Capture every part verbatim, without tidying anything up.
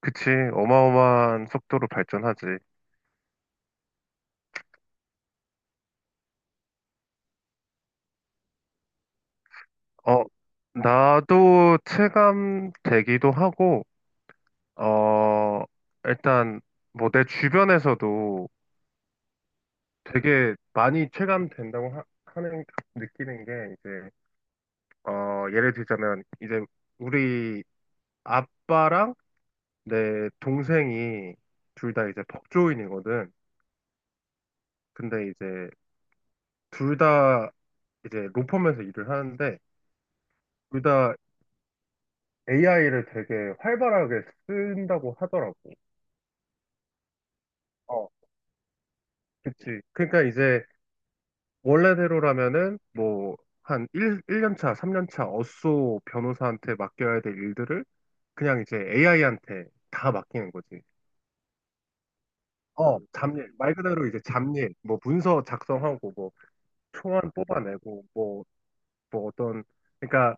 그치. 어마어마한 속도로 발전하지. 어, 나도 체감되기도 하고, 어, 일단, 뭐, 내 주변에서도 되게 많이 체감된다고 하, 하는, 느끼는 게, 이제, 어, 예를 들자면, 이제, 우리 아빠랑 내 동생이 둘 다 이제 법조인이거든. 근데 이제, 둘 다 이제 로펌에서 일을 하는데, 둘다 에이아이를 되게 활발하게 쓴다고 하더라고. 어, 그치. 그러니까 이제 원래대로라면은 뭐 한 1, 일년 차, 삼 년 차 어쏘 변호사한테 맡겨야 될 일들을 그냥 이제 에이아이한테 다 맡기는 거지. 어, 잡일, 말 그대로 이제 잡일, 뭐 문서 작성하고 뭐 초안 뽑아내고 뭐, 뭐 어떤, 그러니까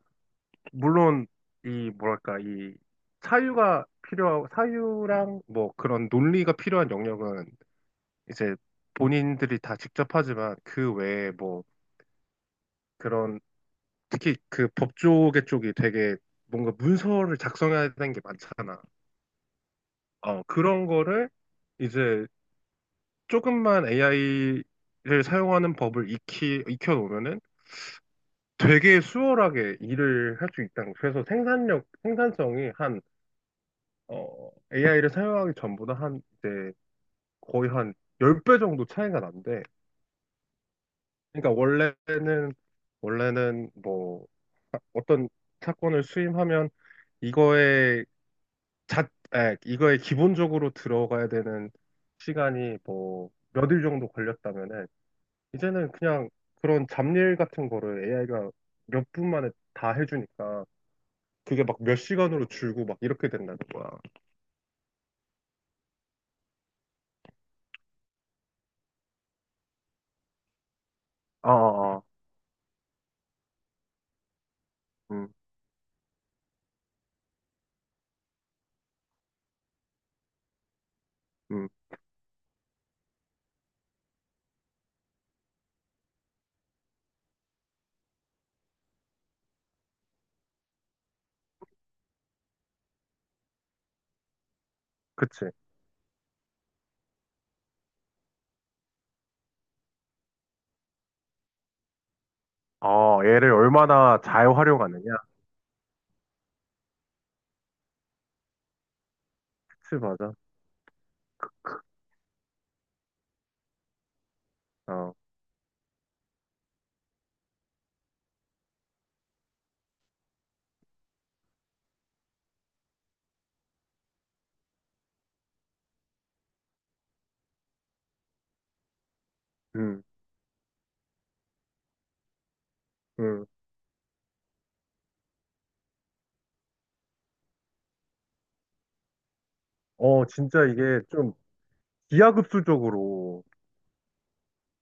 물론 이 뭐랄까 이 사유가 필요하고 사유랑 뭐 그런 논리가 필요한 영역은 이제 본인들이 다 직접 하지만 그 외에 뭐 그런 특히 그 법조계 쪽이 되게 뭔가 문서를 작성해야 되는 게 많잖아. 어, 그런 거를 이제 조금만 에이아이를 사용하는 법을 익히, 익혀놓으면은 되게 수월하게 일을 할 수 있다는 거. 그래서 생산력, 생산성이 한, 에이아이를 사용하기 전보다 한 이제 거의 한 십 배 정도 차이가 난대. 그러니까 원래는 원래는 뭐 어떤 사건을 수임하면 이거에 자, 에, 이거에 기본적으로 들어가야 되는 시간이 뭐 몇 일 정도 걸렸다면은 이제는 그냥 그런 잡일 같은 거를 에이아이가 몇 분 만에 다 해주니까 그게 막 몇 시간으로 줄고 막 이렇게 된다는 거야. 어, 어, 어. 음, 음, 그치. 어, 얘를 얼마나 잘 활용하느냐. 그치, 맞아. 어, 음, 음. 어, 진짜 이게 좀 기하급수적으로,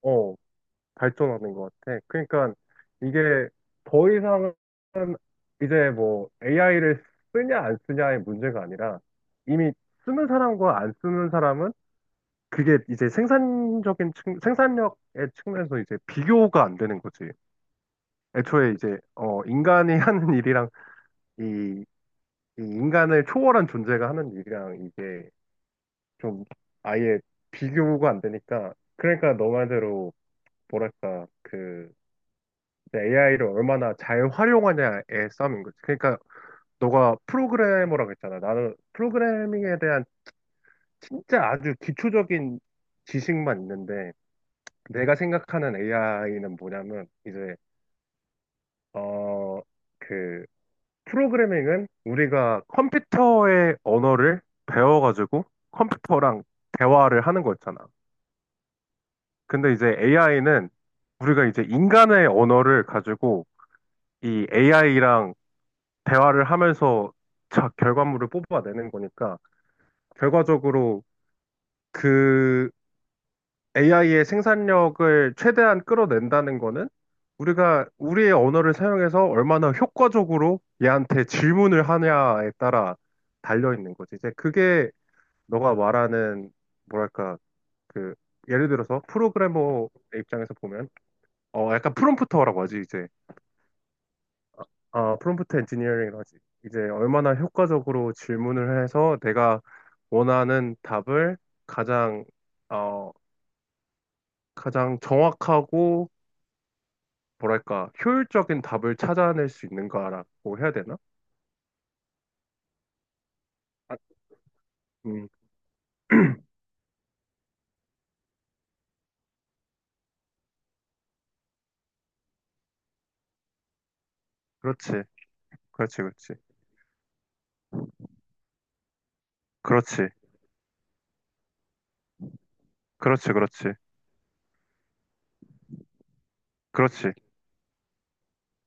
어, 발전하는 것 같아. 그러니까 이게 더 이상 이제 뭐 에이아이를 쓰냐 안 쓰냐의 문제가 아니라 이미 쓰는 사람과 안 쓰는 사람은 그게 이제 생산적인 측, 생산력의 측면에서 이제 비교가 안 되는 거지. 애초에 이제, 어, 인간이 하는 일이랑 이, 이 인간을 초월한 존재가 하는 일이랑 이게 좀 아예 비교가 안 되니까 그러니까 너 말대로 뭐랄까 그 에이아이를 얼마나 잘 활용하냐의 싸움인 거지. 그러니까 너가 프로그래머라고 했잖아. 나는 프로그래밍에 대한 진짜 아주 기초적인 지식만 있는데 내가 생각하는 에이아이는 뭐냐면 이제 어 그 프로그래밍은 우리가 컴퓨터의 언어를 배워가지고 컴퓨터랑 대화를 하는 거였잖아. 근데 이제 에이아이는 우리가 이제 인간의 언어를 가지고 이 에이아이랑 대화를 하면서 자, 결과물을 뽑아내는 거니까 결과적으로 그 에이아이의 생산력을 최대한 끌어낸다는 거는 우리가 우리의 언어를 사용해서 얼마나 효과적으로 얘한테 질문을 하냐에 따라 달려 있는 거지. 이제 그게 너가 말하는 뭐랄까 그 예를 들어서 프로그래머 입장에서 보면 어 약간 프롬프터라고 하지 이제. 아, 프롬프트 엔지니어링 하지. 이제 얼마나 효과적으로 질문을 해서 내가 원하는 답을 가장, 어, 가장 정확하고, 뭐랄까, 효율적인 답을 찾아낼 수 있는가라고 해야 되나? 아, 음, 그렇지. 그렇지, 그렇지. 그렇지. 그렇지, 그렇지. 그렇지.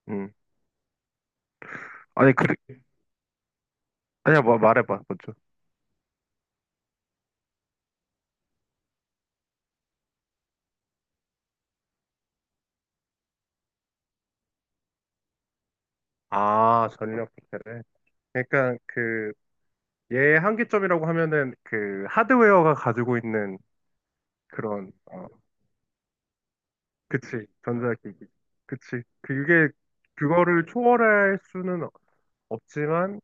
음. 아니, 그, 아니야, 뭐, 말해봐, 먼저. 아, 전력 부패래. 그러니까 그 얘의 한계점이라고 하면은 그 하드웨어가 가지고 있는 그런. 그치, 전자기기. 그치. 그게, 그거를 초월할 수는 없- 없지만,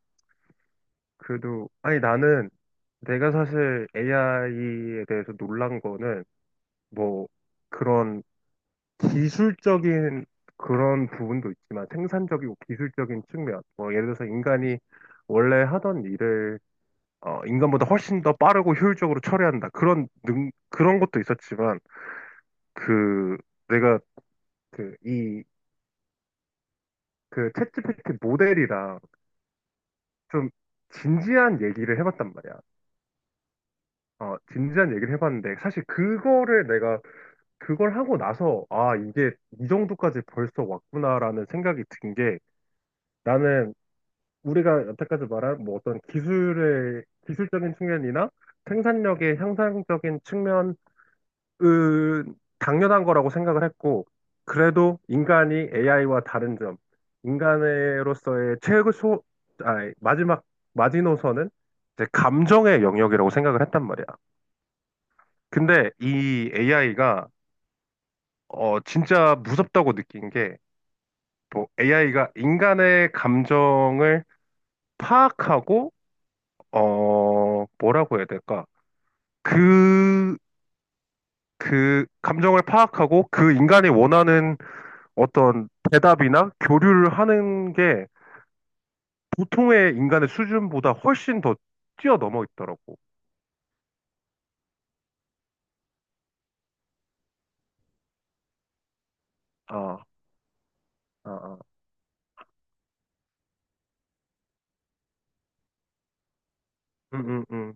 그래도, 아니, 나는 내가 사실 에이아이에 대해서 놀란 거는, 뭐, 그런 기술적인 그런 부분도 있지만, 생산적이고 기술적인 측면. 뭐, 예를 들어서 인간이 원래 하던 일을, 어, 인간보다 훨씬 더 빠르고 효율적으로 처리한다. 그런 능, 그런 것도 있었지만, 그, 내가 그, 이, 그, 챗지피티 모델이랑 좀 진지한 얘기를 해봤단 말이야. 어, 진지한 얘기를 해봤는데, 사실 그거를 내가, 그걸 하고 나서, 아, 이게 이 정도까지 벌써 왔구나라는 생각이 든 게, 나는 우리가 여태까지 말한 뭐 어떤 기술의, 기술적인 측면이나 생산력의 향상적인 측면 그, 당연한 거라고 생각을 했고, 그래도 인간이 에이아이와 다른 점, 인간으로서의 최소, 아니, 마지막, 마지노선은 이제 감정의 영역이라고 생각을 했단 말이야. 근데 이 에이아이가, 어, 진짜 무섭다고 느낀 게, 뭐, 에이아이가 인간의 감정을 파악하고, 어, 뭐라고 해야 될까? 그, 그, 감정을 파악하고 그 인간이 원하는 어떤 대답이나 교류를 하는 게 보통의 인간의 수준보다 훨씬 더 뛰어넘어 있더라고. 아, 아, 아. 응, 응, 응.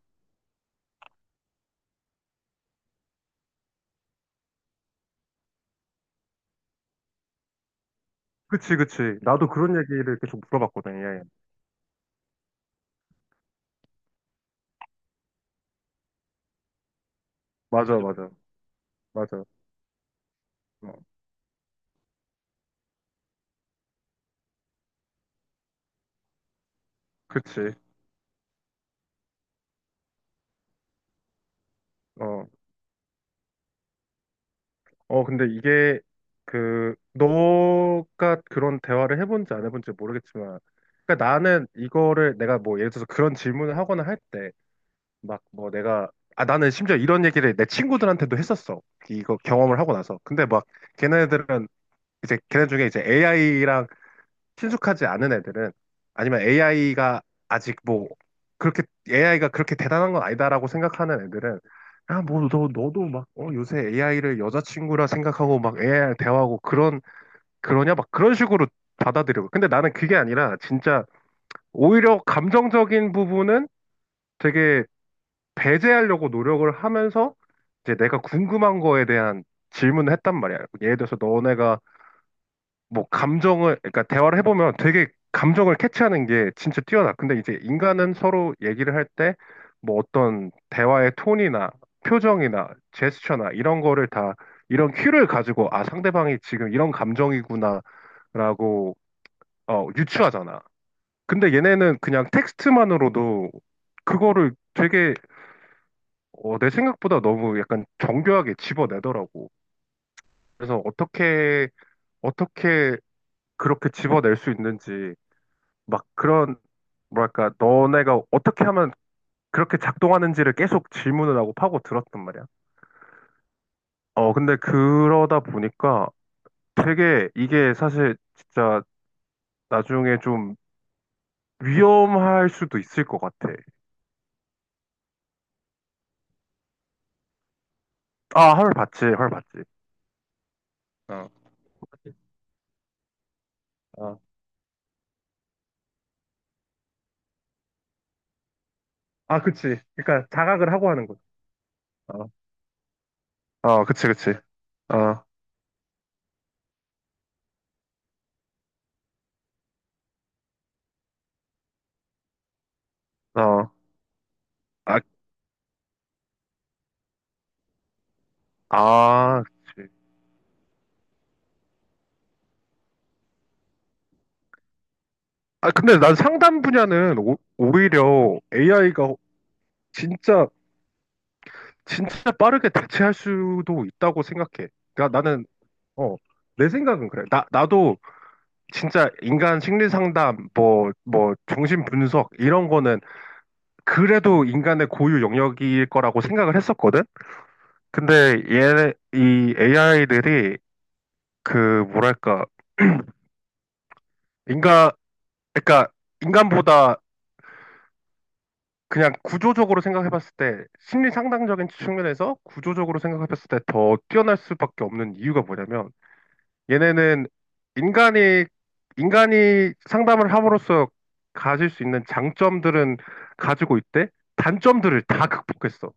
그치, 그치. 나도 그런 얘기를 계속 물어봤거든. 예. 예. 맞아, 맞아, 맞아. 어, 그치. 어, 어, 근데 이게 그, 너가 그런 대화를 해본지 안 해본지 모르겠지만, 그러니까 나는 이거를 내가 뭐 예를 들어서 그런 질문을 하거나 할때 막 뭐 내가. 아, 나는 심지어 이런 얘기를 내 친구들한테도 했었어. 이거 경험을 하고 나서. 근데 막 걔네들은 이제 걔네 중에 이제 에이아이랑 친숙하지 않은 애들은. 아니면 에이아이가 아직 뭐 그렇게 에이아이가 그렇게 대단한 건 아니다라고 생각하는 애들은 야, 뭐, 너, 너도 막, 어, 요새 에이아이를 여자친구라 생각하고 막 에이아이랑 대화하고 그런, 그러냐? 막 그런 식으로 받아들이고. 근데 나는 그게 아니라 진짜 오히려 감정적인 부분은 되게 배제하려고 노력을 하면서 이제 내가 궁금한 거에 대한 질문을 했단 말이야. 예를 들어서 너네가 뭐 감정을, 그러니까 대화를 해보면 되게 감정을 캐치하는 게 진짜 뛰어나. 근데 이제 인간은 서로 얘기를 할 때 뭐 어떤 대화의 톤이나 표정이나 제스처나 이런 거를 다 이런 큐를 가지고 아, 상대방이 지금 이런 감정이구나 라고 어, 유추하잖아. 근데 얘네는 그냥 텍스트만으로도 그거를 되게 어, 내 생각보다 너무 약간 정교하게 집어내더라고. 그래서 어떻게, 어떻게 그렇게 집어낼 수 있는지, 막 그런, 뭐랄까, 너네가 어떻게 하면 그렇게 작동하는지를 계속 질문을 하고 파고 들었단 말이야. 어, 근데 그러다 보니까 되게 이게 사실 진짜 나중에 좀 위험할 수도 있을 것 같아. 아, 헐, 봤지, 헐, 봤지. 어, 어. 아, 그치. 그러니까 자각을 하고 하는 거지. 어, 어, 그치, 그치. 어, 어. 아, 아, 그치. 아, 근데 난 상담 분야는 오, 오히려 에이아이가 진짜, 진짜 빠르게 대체할 수도 있다고 생각해. 그러니까 나는, 어, 내 생각은 그래. 나, 나도 진짜 인간 심리 상담, 뭐, 뭐, 정신 분석, 이런 거는 그래도 인간의 고유 영역일 거라고 생각을 했었거든? 근데 얘, 이 에이아이들이 그, 뭐랄까, 인간, 그러니까 인간보다 그냥 구조적으로 생각해봤을 때 심리 상담적인 측면에서 구조적으로 생각해봤을 때 더 뛰어날 수밖에 없는 이유가 뭐냐면 얘네는 인간이 인간이 상담을 함으로써 가질 수 있는 장점들은 가지고 있대. 단점들을 다 극복했어.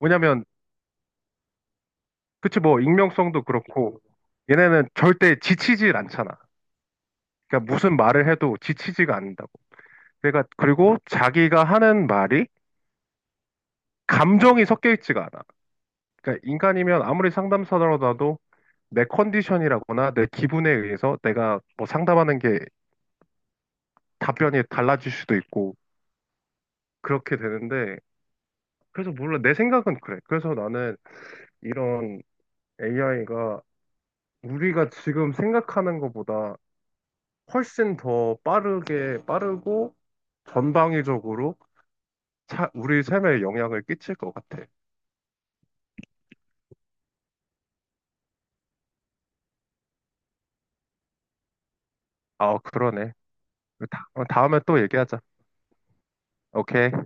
왜냐면. 그치 뭐 익명성도 그렇고 얘네는 절대 지치질 않잖아. 그러니까 무슨 말을 해도 지치지가 않는다고. 그러니까 그리고 자기가 하는 말이 감정이 섞여 있지가 않아. 그러니까 인간이면 아무리 상담사라도 내 컨디션이라거나 내 기분에 의해서 내가 뭐 상담하는 게 답변이 달라질 수도 있고 그렇게 되는데 그래서 몰라 내 생각은 그래. 그래서 나는 이런 에이아이가 우리가 지금 생각하는 것보다 훨씬 더 빠르게 빠르고 전방위적으로 차- 우리 삶에 영향을 끼칠 것 같아. 아, 그러네. 다, 다음에 또 얘기하자. 오케이.